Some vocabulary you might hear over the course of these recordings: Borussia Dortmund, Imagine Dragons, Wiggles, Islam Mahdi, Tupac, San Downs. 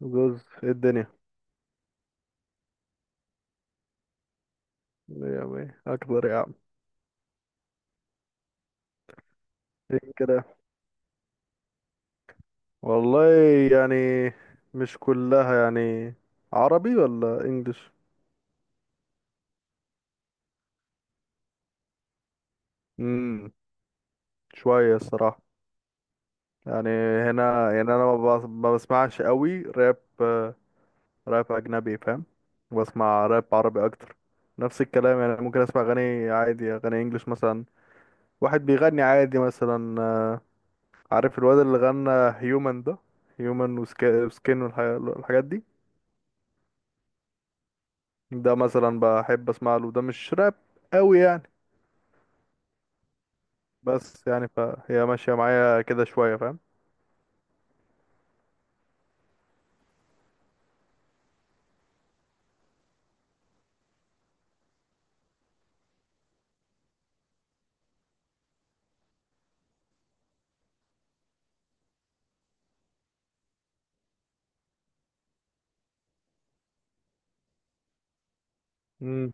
جوز إيه الدنيا. يعني اكبر يا عم. ايه كده، والله، يعني مش كلها يعني، عربي ولا انجليش. امم شويه الصراحه، يعني هنا يعني انا ما بسمعش قوي راب، راب اجنبي فاهم. بسمع راب عربي اكتر. نفس الكلام، يعني ممكن اسمع اغاني عادي، اغاني انجليش مثلا، واحد بيغني عادي مثلا. عارف الواد اللي غنى هيومن ده، هيومن وسكين والحاجات دي، ده مثلا بحب اسمع له. ده مش راب قوي يعني، بس يعني فهي ماشية معايا كده شوية فاهم. امم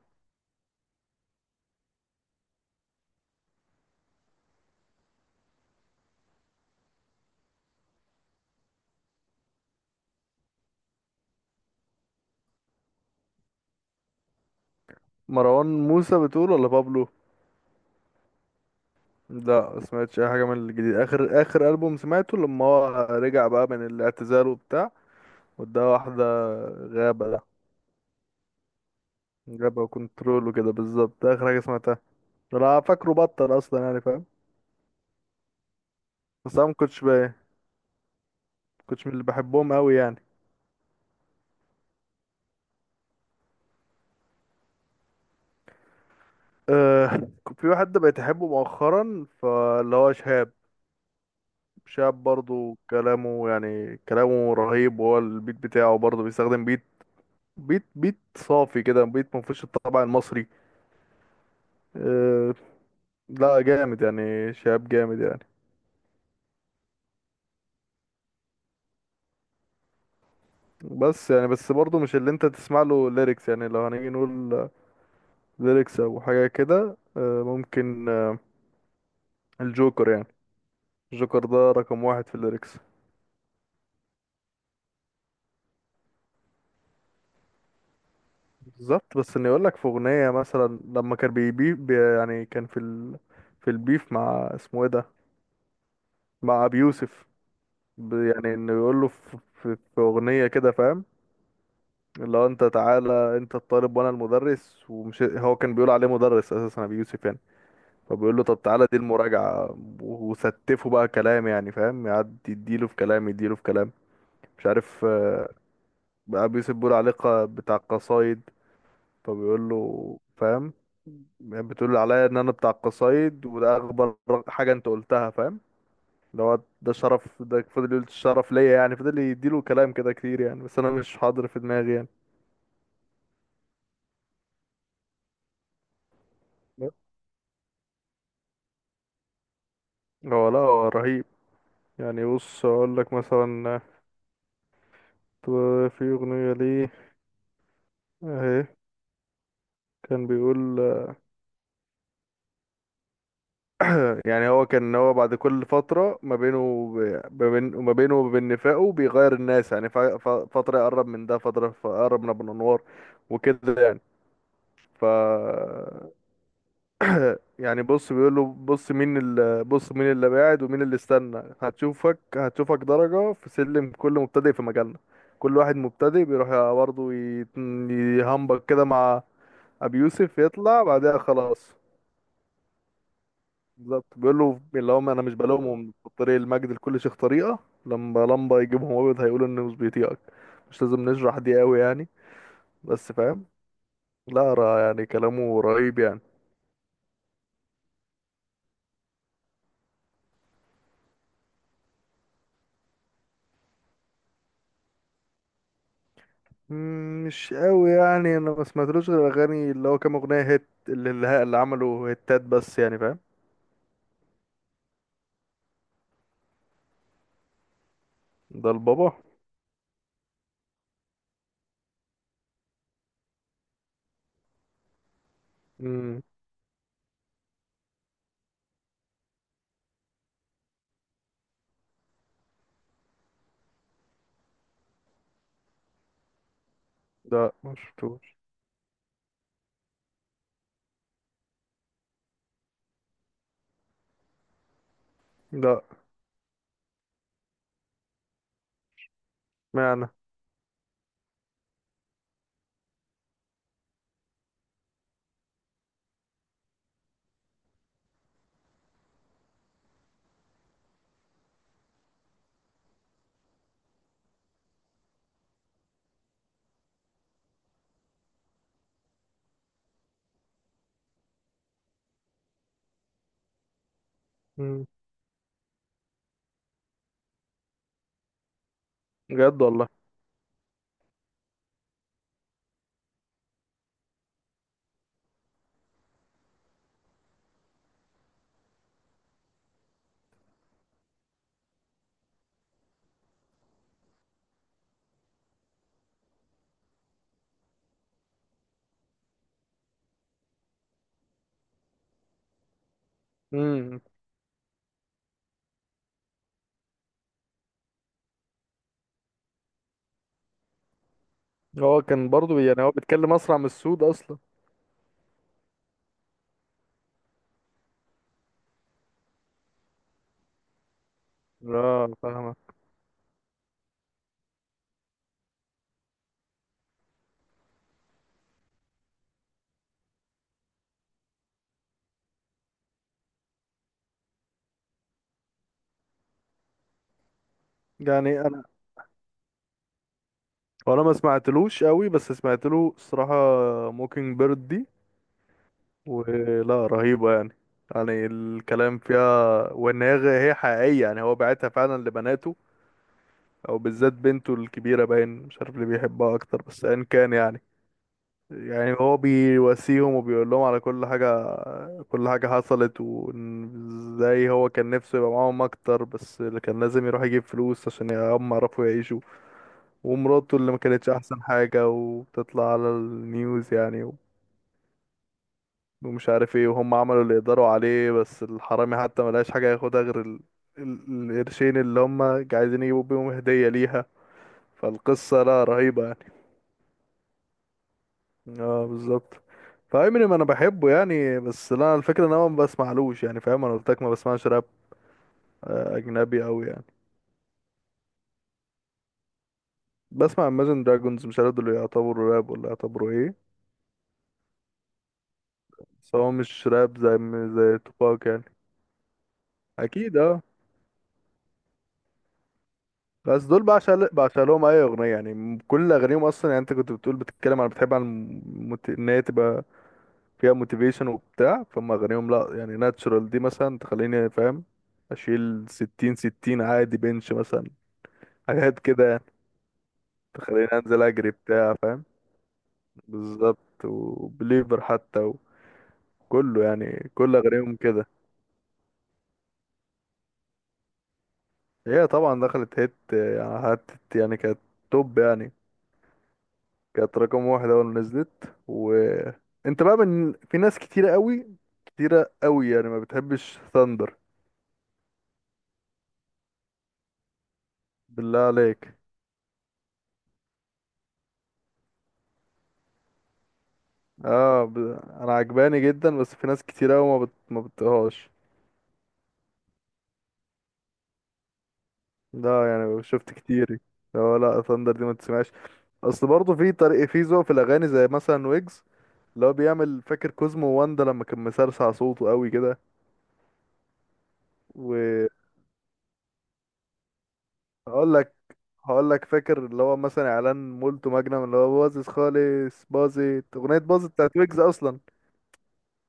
مروان موسى بتقول ولا بابلو؟ لا سمعتش اي حاجة من الجديد. اخر اخر ألبوم سمعته لما هو رجع بقى من الاعتزال وبتاع، وده واحدة غابة ده، غابة وكنترول وكده، بالظبط ده اخر حاجة سمعتها. انا فاكره بطل اصلا يعني فاهم. بس انا مكنتش بقى مكنتش من اللي بحبهم قوي يعني. أه في واحد بقيت احبه مؤخرا فاللي هو شهاب. شاب، برضو كلامه يعني كلامه رهيب، وهو البيت بتاعه برضو بيستخدم بيت، بيت بيت صافي كده، بيت ما فيهوش الطبع المصري. أه لا جامد يعني، شاب جامد يعني. بس يعني بس، برضو مش اللي انت تسمع له ليركس يعني، لو هنيجي نقول ليركس او حاجة كده، ممكن، الجوكر يعني. الجوكر ده رقم واحد في الليركس. بالظبط، بس اني اقول لك في اغنية مثلا لما كان بيبي بي يعني كان في ال... في البيف مع اسمه ايه ده، مع ابي يوسف. يعني انه يقول له في اغنيه كده فاهم، اللي هو انت تعالى، انت الطالب وانا المدرس، ومش هو كان بيقول عليه مدرس اساسا ابي يوسف يعني. فبيقول له طب تعالى دي المراجعه. وستفه بقى كلام يعني فاهم، يقعد يديله في كلام، يديله في كلام، مش عارف. ابي يوسف بيقول عليه بتاع القصايد، فبيقول له فاهم، بتقول عليا ان انا بتاع القصايد، وده اغبى حاجه انت قلتها فاهم، اللي هو ده شرف، ده فضل يقول الشرف ليا يعني، فضل يديله كلام كده كتير يعني، بس انا مش حاضر في دماغي يعني. هو لا هو رهيب يعني. بص اقول لك مثلا، في اغنيه ليه اهي، كان بيقول يعني هو كان هو بعد كل فتره ما بينه ما بين، وما بينه وبين نفاقه بيغير الناس يعني، فتره يقرب من ده، فتره يقرب من ابو الانوار وكده يعني. ف يعني بص بيقول له بص، مين اللي بعد ومين اللي استنى، هتشوفك، هتشوفك درجة في سلم كل مبتدئ في مجالنا. كل واحد مبتدئ بيروح برضه يهمبك كده مع أبي يوسف، يطلع بعدها خلاص. بالظبط، بيقول له اللي هم أنا مش بلومهم، في طريق المجد لكل شيخ طريقة. لما لمبة يجيبهم أبيض هيقولوا إنه مش بيطيقك. مش لازم نشرح دي قوي يعني، بس فاهم. لا را- يعني كلامه رهيب يعني. مش قوي يعني، انا ما سمعتلوش غير اغاني اللي هو كام اغنيه هيت، اللي عملوا هيتات، بس يعني فاهم. ده البابا. امم لا ما شفتوش. لا، معنى. امم بجد والله. امم هو كان برضو يعني هو بيتكلم اسرع من السود اصلا. اه فاهمه. يعني انا، وانا ما سمعتلوش قوي، بس سمعت له الصراحه موكينج بيرد دي، ولا رهيبه يعني. يعني الكلام فيها، وان هي حقيقيه يعني، هو بعتها فعلا لبناته، او بالذات بنته الكبيره باين، مش عارف اللي بيحبها اكتر، بس ان كان يعني، يعني هو بيواسيهم وبيقول لهم على كل حاجه، كل حاجه حصلت، وازاي هو كان نفسه يبقى معاهم اكتر، بس اللي كان لازم يروح يجيب فلوس عشان هم يعرفوا يعيشوا، ومراته اللي ما كانتش احسن حاجه وبتطلع على النيوز يعني، ومش عارف ايه، وهم عملوا اللي يقدروا عليه، بس الحرامي حتى ملقاش حاجه ياخدها غير ال... القرشين اللي هم عايزين يجيبوا بيهم هديه ليها. فالقصه لا رهيبه. اه بالظبط. فامينيم انا بحبه يعني، بس لا الفكره ان انا ما بسمعلوش يعني فاهم، انا قلت لك ما بسمعش راب اجنبي قوي يعني. بسمع Imagine Dragons، مش عارف دول يعتبروا راب ولا يعتبروا ايه. بس هو مش راب زي، زي توباك يعني. اكيد اه. بس دول بعشق لهم اي اغنيه يعني، كل اغانيهم اصلا يعني، انت كنت بتقول بتتكلم عن، بتحب عن المت... ان هي تبقى فيها موتيفيشن وبتاع. فما اغانيهم لا يعني، ناتشورال دي مثلا تخليني فاهم، اشيل 60 60 عادي بنش مثلا، حاجات كده تخليني انزل اجري بتاع فاهم. بالظبط، وبليفر حتى، وكله يعني كل اغانيهم كده. هي طبعا دخلت هيت يعني حتت يعني كانت توب يعني. كانت رقم واحد اول ما نزلت. وانت بقى من في ناس كتيرة قوي، كتيرة قوي يعني ما بتحبش ثاندر. بالله عليك! اه ب... انا عجباني جدا، بس في ناس كتيرة قوي ما بت... ما بتطيقهاش. لا يعني شفت كتير. لا، لا، ثاندر دي ما تسمعش. اصل برضه في طريق، في ذوق في الاغاني زي مثلا ويجز، اللي هو بيعمل فاكر كوزمو واندا لما كان مسرسع صوته قوي كده. وهقول لك هقول لك، فاكر اللي هو مثلا اعلان مولتو ماجنم اللي هو باظظ خالص، باظت اغنيه، باظت بتاعت ويجز اصلا.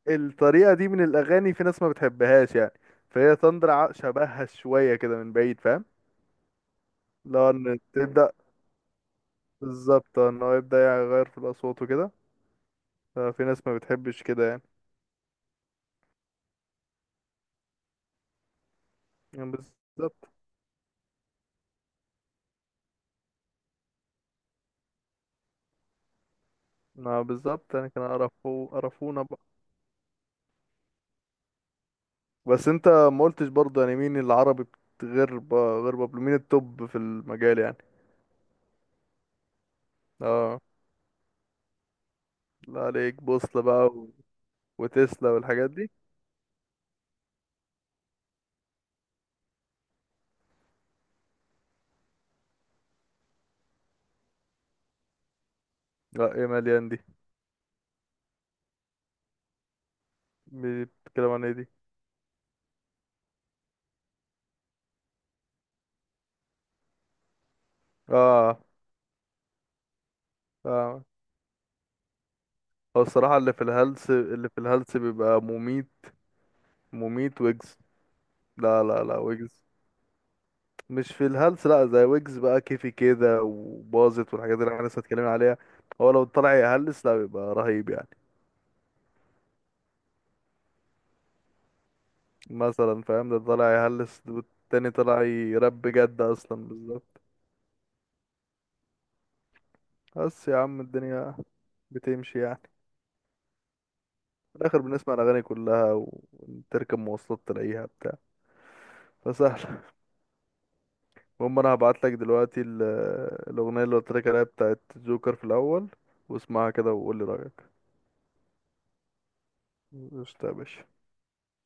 الطريقه دي من الاغاني في ناس ما بتحبهاش يعني، فهي تندر شبهها شويه كده من بعيد فاهم. لا ان تبدا، بالظبط، ان هو يبدا يغير في الاصوات وكده، ففي ناس ما بتحبش كده يعني. يعني بالظبط. ما بالظبط يعني، كان قرفو قرفونا بقى. بس انت ما قلتش برضه يعني مين العربي غير غير بابلو، مين التوب في المجال يعني؟ اه، لا عليك بوصلة بقى، و... وتسلا والحاجات دي. لا ايه مليان دي؟ بتتكلم عن ايه دي؟ اه. اه. هو الصراحة اللي في الهلس، اللي في الهلس بيبقى مميت. مميت ويجز. لا، لا، لا، ويجز مش في الهلس، لا زي ويجز بقى كيفي كده وباظت والحاجات اللي احنا لسه اتكلمنا عليها. هو لو طلع يهلس لا بيبقى رهيب يعني، مثلا فاهم، ده طالع يهلس والتاني طالع يرب جد اصلا، بالظبط. بس يا عم الدنيا بتمشي يعني، في الاخر بنسمع الاغاني كلها، وتركب مواصلات تلاقيها بتاع فسهل. المهم انا هبعت لك دلوقتي الاغنيه اللي قلت لك عليها بتاعت جوكر في الاول، واسمعها كده وقول لي رايك. قشطة يا باشا.